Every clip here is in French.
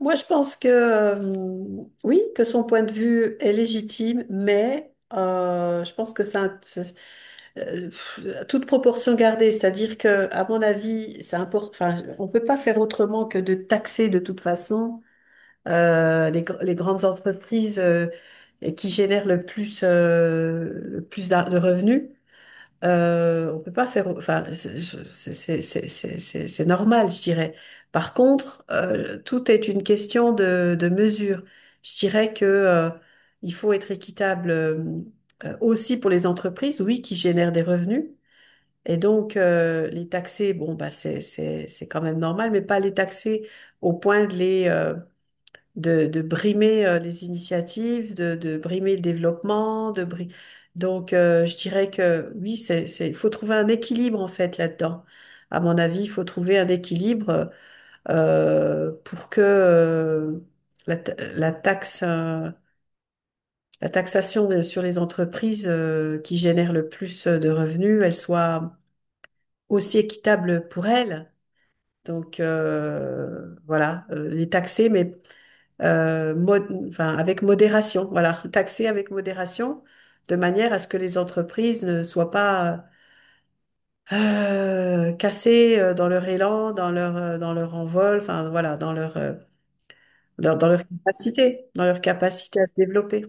Moi, je pense que oui, que son point de vue est légitime, mais je pense que à toute proportion gardée. C'est-à-dire que, à mon avis, enfin, on peut pas faire autrement que de taxer de toute façon les grandes entreprises et qui génèrent le plus de revenus. On peut pas faire, enfin, c'est- c'est normal, je dirais. Par contre, tout est une question de mesure. Je dirais que il faut être équitable aussi pour les entreprises, oui, qui génèrent des revenus. Et donc, les taxer, bon, bah, c'est quand même normal, mais pas les taxer au point de de brimer les initiatives, de brimer le développement, Donc, je dirais que oui, il faut trouver un équilibre en fait là-dedans. À mon avis, il faut trouver un équilibre pour que la taxe, la taxation sur les entreprises qui génèrent le plus de revenus, elle soit aussi équitable pour elles. Donc voilà, les taxer, mais enfin, avec modération, voilà, taxer avec modération, de manière à ce que les entreprises ne soient pas cassées dans leur élan, dans leur envol, enfin voilà, dans leur capacité à se développer.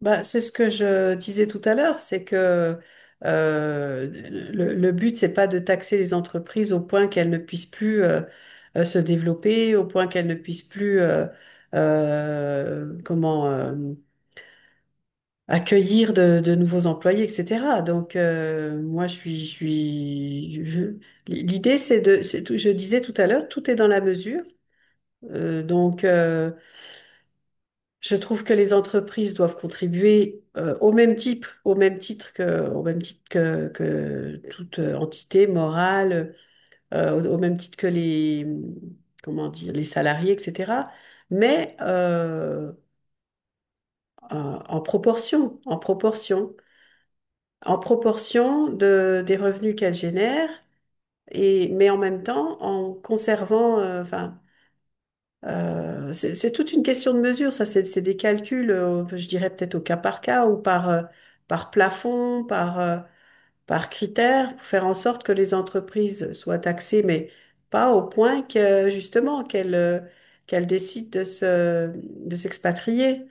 Bah, c'est ce que je disais tout à l'heure, c'est que euh, le but, c'est pas de taxer les entreprises au point qu'elles ne puissent plus se développer, au point qu'elles ne puissent plus comment accueillir de nouveaux employés, etc. Donc moi, l'idée, c'est de, c'est tout- je disais tout à l'heure, tout est dans la mesure. Euh, donc euh, Je trouve que les entreprises doivent contribuer au même titre que que toute entité morale, au même titre que les, comment dire, les salariés, etc. Mais en, en proportion, en proportion des revenus qu'elles génèrent, et, mais en même temps en conservant, enfin, c'est toute une question de mesure, ça, c'est des calculs, je dirais peut-être au cas par cas ou par plafond, par critère, pour faire en sorte que les entreprises soient taxées, mais pas au point que justement qu'elles décident de de s'expatrier.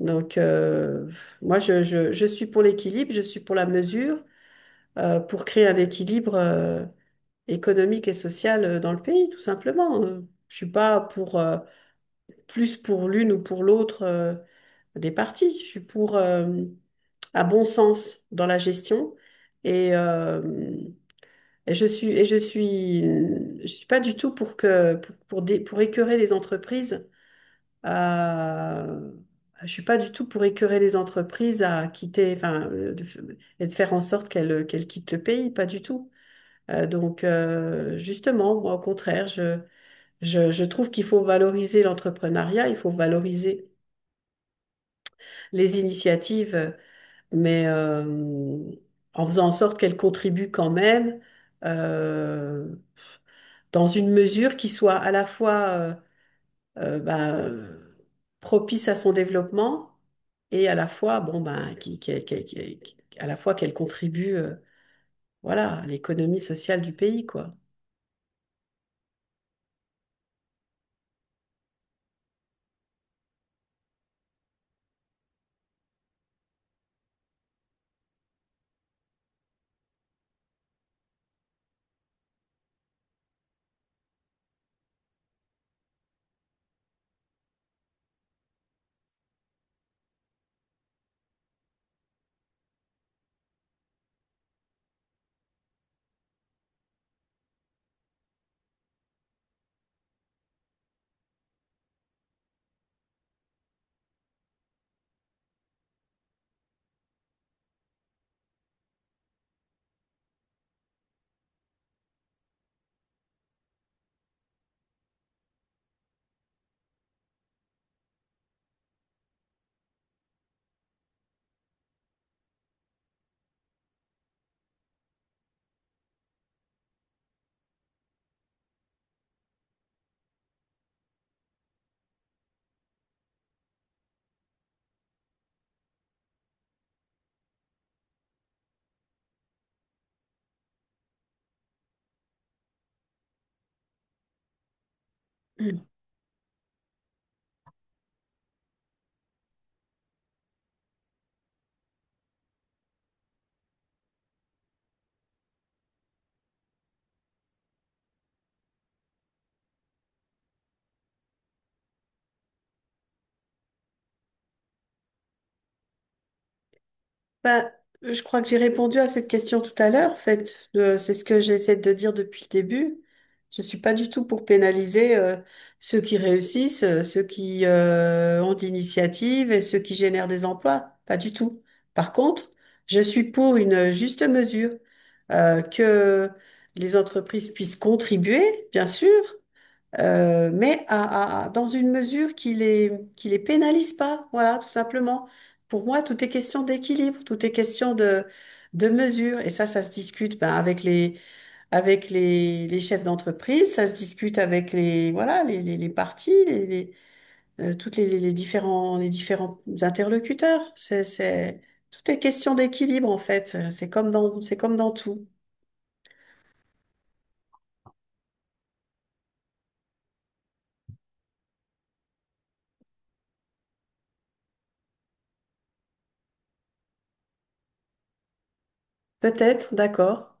Donc, moi, je suis pour l'équilibre, je suis pour la mesure, pour créer un équilibre, économique et social dans le pays, tout simplement. Je suis pas pour... plus pour l'une ou pour l'autre des parties. Je suis pour un bon sens dans la gestion et, et je suis et je suis je suis pas du tout pour que pour, dé- pour écœurer les entreprises. Euh, je suis pas du tout pour écœurer les entreprises à quitter enfin et de faire en sorte qu'elles quittent le pays, pas du tout. Justement, moi au contraire, je trouve qu'il faut valoriser l'entrepreneuriat, il faut valoriser les initiatives, mais en faisant en sorte qu'elles contribuent quand même euh, dans une mesure qui soit à la fois euh, ben, euh, propice à son développement et à la fois à la fois qu'elle contribue voilà, l'économie sociale du pays, quoi. Bah, je crois que j'ai répondu à cette question tout à l'heure. En fait, c'est ce que j'essaie de dire depuis le début. Je suis pas du tout pour pénaliser ceux qui réussissent, ceux qui ont de l'initiative et ceux qui génèrent des emplois. Pas du tout. Par contre, je suis pour une juste mesure, que les entreprises puissent contribuer, bien sûr, mais dans une mesure qui les pénalise pas, voilà, tout simplement. Pour moi, tout est question d'équilibre, tout est question de mesure. Et ça se discute ben, avec les chefs d'entreprise, ça se discute avec les, voilà, les partis, les différents interlocuteurs. Tout est question d'équilibre, en fait. C'est comme dans tout. Peut-être, d'accord.